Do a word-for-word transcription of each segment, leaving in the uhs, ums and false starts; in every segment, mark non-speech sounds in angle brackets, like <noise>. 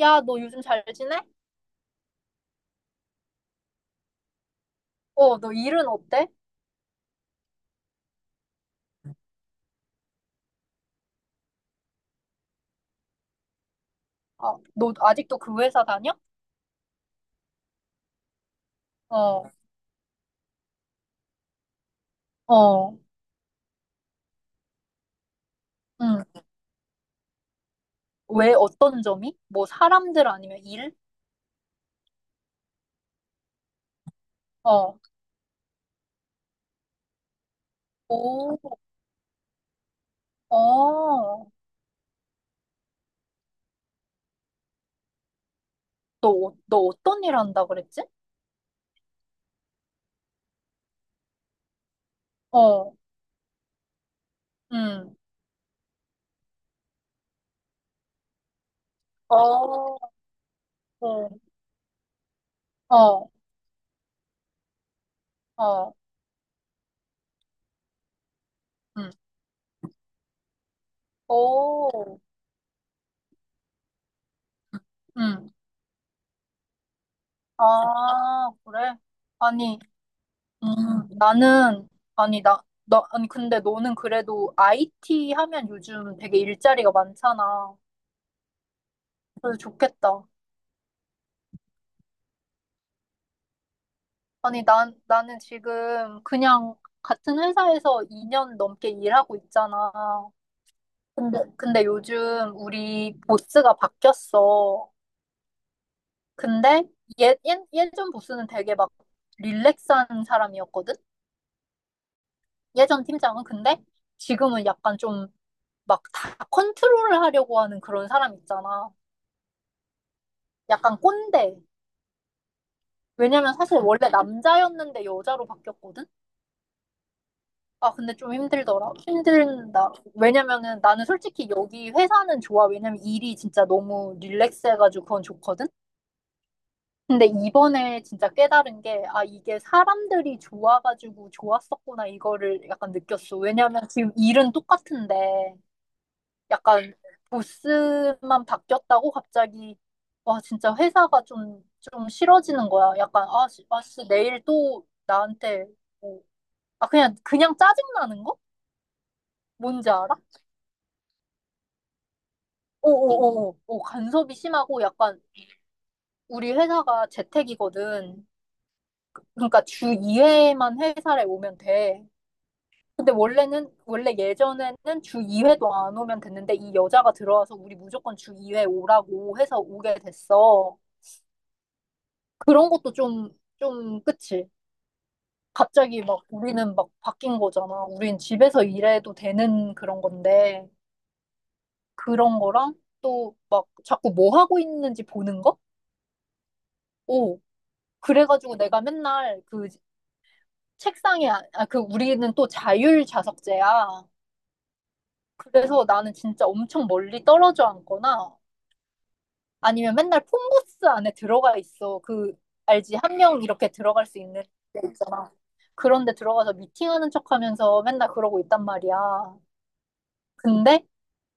야, 너 요즘 잘 지내? 어, 너 일은 어때? 아, 너 아직도 그 회사 다녀? 어, 어, 응. 왜 어떤 점이? 뭐 사람들 아니면 일? 어, 오, 어. 너, 어- 너 어떤 일 한다 그랬지? 어, 응. 어, 어, 어, 어, 응. 오, 응. 아, 그래? 아니, 음, 나는, 아니, 나, 나, 아니, 근데 너는 그래도 아이티 하면 요즘 되게 일자리가 많잖아. 그래서 좋겠다. 아니, 난, 나는 지금 그냥 같은 회사에서 이 년 넘게 일하고 있잖아. 근데, 근데 요즘 우리 보스가 바뀌었어. 근데 예, 예, 예전 보스는 되게 막 릴렉스한 사람이었거든? 예전 팀장은. 근데 지금은 약간 좀 막 다 컨트롤을 하려고 하는 그런 사람 있잖아. 약간 꼰대. 왜냐면 사실 원래 남자였는데 여자로 바뀌었거든? 아, 근데 좀 힘들더라. 힘들다. 왜냐면은 나는 솔직히 여기 회사는 좋아. 왜냐면 일이 진짜 너무 릴렉스해가지고 그건 좋거든? 근데 이번에 진짜 깨달은 게, 아, 이게 사람들이 좋아가지고 좋았었구나, 이거를 약간 느꼈어. 왜냐면 지금 일은 똑같은데, 약간 보스만 바뀌었다고 갑자기 와 진짜 회사가 좀 좀 싫어지는 거야. 약간 아씨 아씨 내일 또 나한테 뭐, 아 그냥 그냥 짜증 나는 거? 뭔지 알아? 오오오오 오, 간섭이 심하고 약간 우리 회사가 재택이거든. 그러니까 주 이 회만 회사를 오면 돼. 근데 원래는 원래 예전에는 주 이 회도 안 오면 됐는데 이 여자가 들어와서 우리 무조건 주 이 회 오라고 해서 오게 됐어. 그런 것도 좀, 좀, 그치? 갑자기 막 우리는 막 바뀐 거잖아. 우린 집에서 일해도 되는 그런 건데, 그런 거랑 또 막 자꾸 뭐 하고 있는지 보는 거? 오, 그래가지고 내가 맨날 그 책상에, 아, 아, 그 우리는 또 자율 좌석제야. 그래서 나는 진짜 엄청 멀리 떨어져 앉거나 아니면 맨날 폰부스 안에 들어가 있어. 그, 알지? 한 명 이렇게 들어갈 수 있는 데 있잖아. 그런데 들어가서 미팅하는 척 하면서 맨날 그러고 있단 말이야. 근데,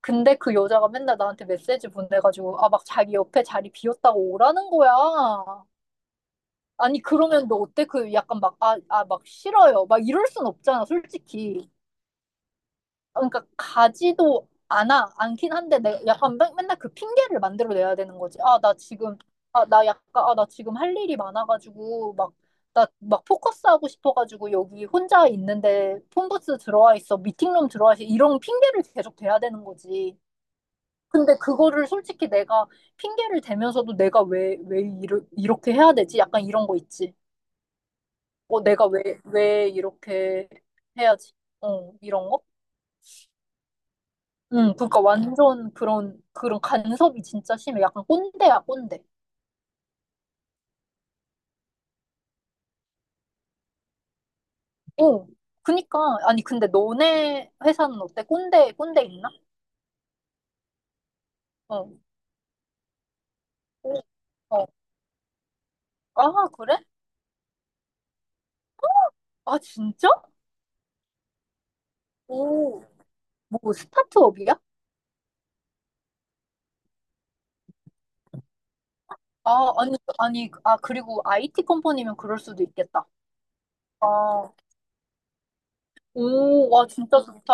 근데 그 여자가 맨날 나한테 메시지 보내가지고, 아, 막 자기 옆에 자리 비었다고 오라는 거야. 아니, 그러면 너 어때? 그 약간 막, 아, 아, 막 싫어요. 막 이럴 순 없잖아, 솔직히. 그러니까 가지도 않아 않긴 한데 내가 약간 맨- 맨날 그 핑계를 만들어 내야 되는 거지. 아, 나 지금 아, 나 약간 아, 나 지금 할 일이 많아가지고 막 나 막 포커스 하고 싶어가지고 여기 혼자 있는데 폰부스 들어와 있어 미팅룸 들어와 있어 이런 핑계를 계속 대야 되는 거지. 근데 그거를 솔직히 내가 핑계를 대면서도 내가 왜 왜 이르, 이렇게 해야 되지? 약간 이런 거 있지. 어, 내가 왜 왜 이렇게 해야지? 어, 이런 거? 응, 그러니까 완전 그런, 그런 간섭이 진짜 심해. 약간 꼰대야, 꼰대. 어, 그니까, 아니, 근데 너네 회사는 어때? 꼰대, 꼰대 있나? 어, 어, 아, 그래? 아, 진짜? 오, 뭐, 스타트업이야? 아, 아니, 아니, 아, 그리고 아이티 컴퍼니면 그럴 수도 있겠다. 아, 오, 와, 진짜 좋다.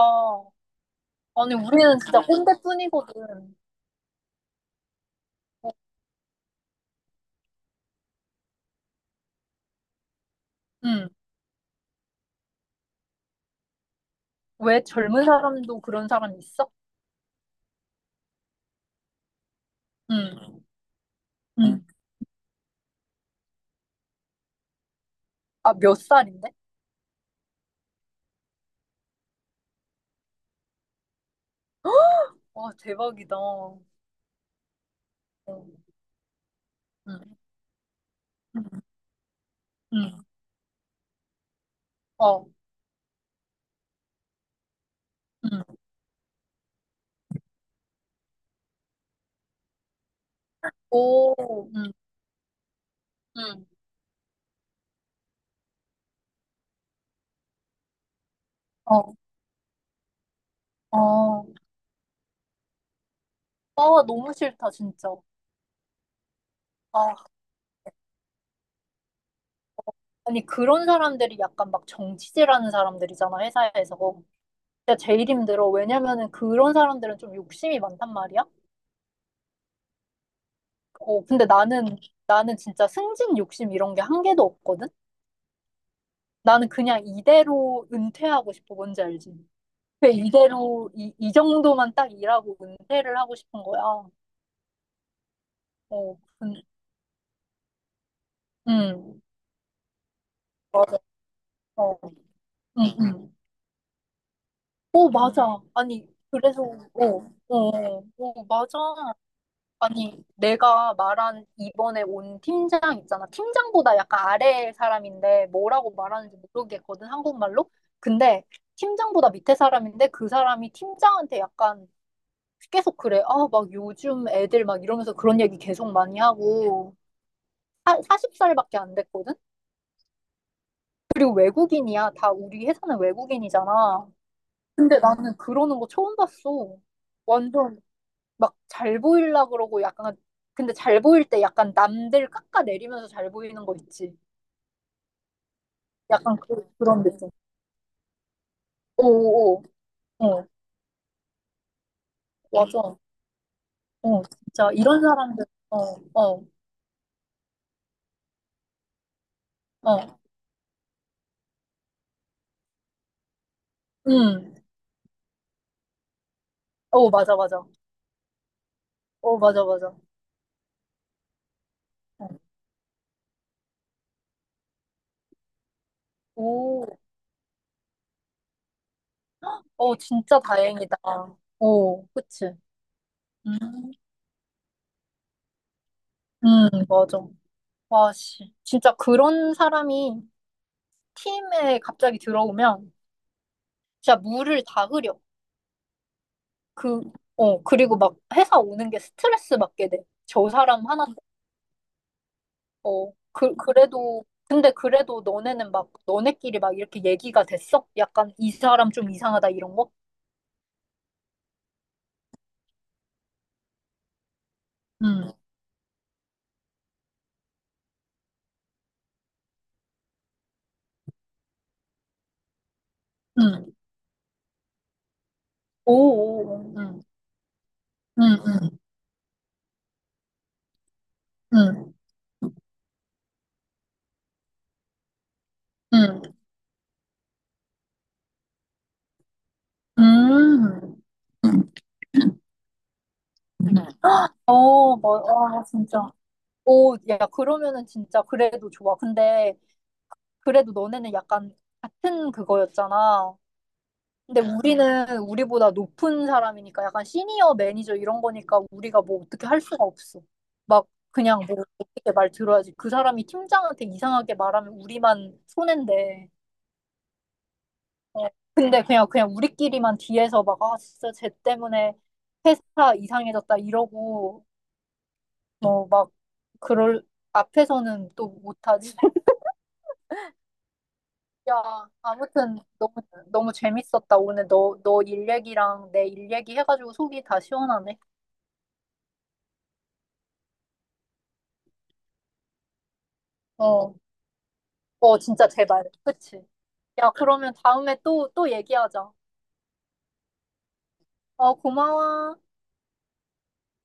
아니, 우리는 진짜 꼰대뿐이거든. 어, 응, 왜 젊은 사람도 그런 사람 있어? 응, 응. 아, 몇 살인데? 와, 대박이다. 어, 응, 응. 응. 어, 응, 오, 응, 응, 어, 어. 아, 너무 싫다, 진짜. 아, 아니, 그런 사람들이 약간 막 정치질하는 사람들이잖아, 회사에서. 진짜 제일 힘들어. 왜냐면은 그런 사람들은 좀 욕심이 많단 말이야. 어, 근데 나는, 나는 진짜 승진 욕심 이런 게 한 개도 없거든? 나는 그냥 이대로 은퇴하고 싶어, 뭔지 알지? 그 이대로, 이, 이 정도만 딱 일하고 은퇴를 하고 싶은 거야. 어, 근, 음, 맞아. 어, 응, 응. 어, 맞아. 아니, 그래서, 어, 어, 어, 맞아. 아니, 내가 말한 이번에 온 팀장 있잖아. 팀장보다 약간 아래 사람인데 뭐라고 말하는지 모르겠거든, 한국말로. 근데 팀장보다 밑에 사람인데 그 사람이 팀장한테 약간 계속 그래. 아, 막 요즘 애들 막 이러면서 그런 얘기 계속 많이 하고. 사, 마흔 살밖에 안 됐거든? 그리고 외국인이야. 다 우리 회사는 외국인이잖아. 근데 나는 그러는 거 처음 봤어. 완전 막 잘 보일라 그러고 약간 근데 잘 보일 때 약간 남들 깎아내리면서 잘 보이는 거 있지. 약간 그, 그런 느낌. 오오오. 어, 어. 어, 맞아. 어, 진짜 이런 사람들. 어, 어, 어. 음. 어, 맞아, 맞아. 어, 맞아, 맞아. 어. 오, 어, 진짜 다행이다. 오, 그치. 음, 음, 맞아. 와, 씨. 진짜 그런 사람이 팀에 갑자기 들어오면 진짜 물을 다 흐려. 그, 어, 그리고 막 회사 오는 게 스트레스 받게 돼. 저 사람 하나, 어, 그, 그래도, 근데 그래도 너네는 막, 너네끼리 막 이렇게 얘기가 됐어? 약간 이 사람 좀 이상하다 이런 거? 응, 응. 오, 오, 응, 응, 응, 응, 응. 음. 어, 뭐, 아, 진짜. 오, 야, 그러면은 진짜 그래도 좋아. 근데 그래도 너네는 약간 같은 그거였잖아. 근데 우리는 우리보다 높은 사람이니까 약간 시니어 매니저 이런 거니까 우리가 뭐 어떻게 할 수가 없어. 막 그냥 뭐 어떻게 말 들어야지. 그 사람이 팀장한테 이상하게 말하면 우리만 손해인데. 어, 근데 그냥 그냥 우리끼리만 뒤에서 막 아 진짜 쟤 때문에 회사 이상해졌다 이러고 뭐 막 그럴 앞에서는 또 못하지. <laughs> 야, 아무튼 너무 너무 재밌었다. 오늘 너 너 일 얘기랑 내 일 얘기 해가지고 속이 다 시원하네. 어. 어, 진짜 제발. 그치? 야, 그러면 다음에 또, 또 얘기하자. 어, 고마워.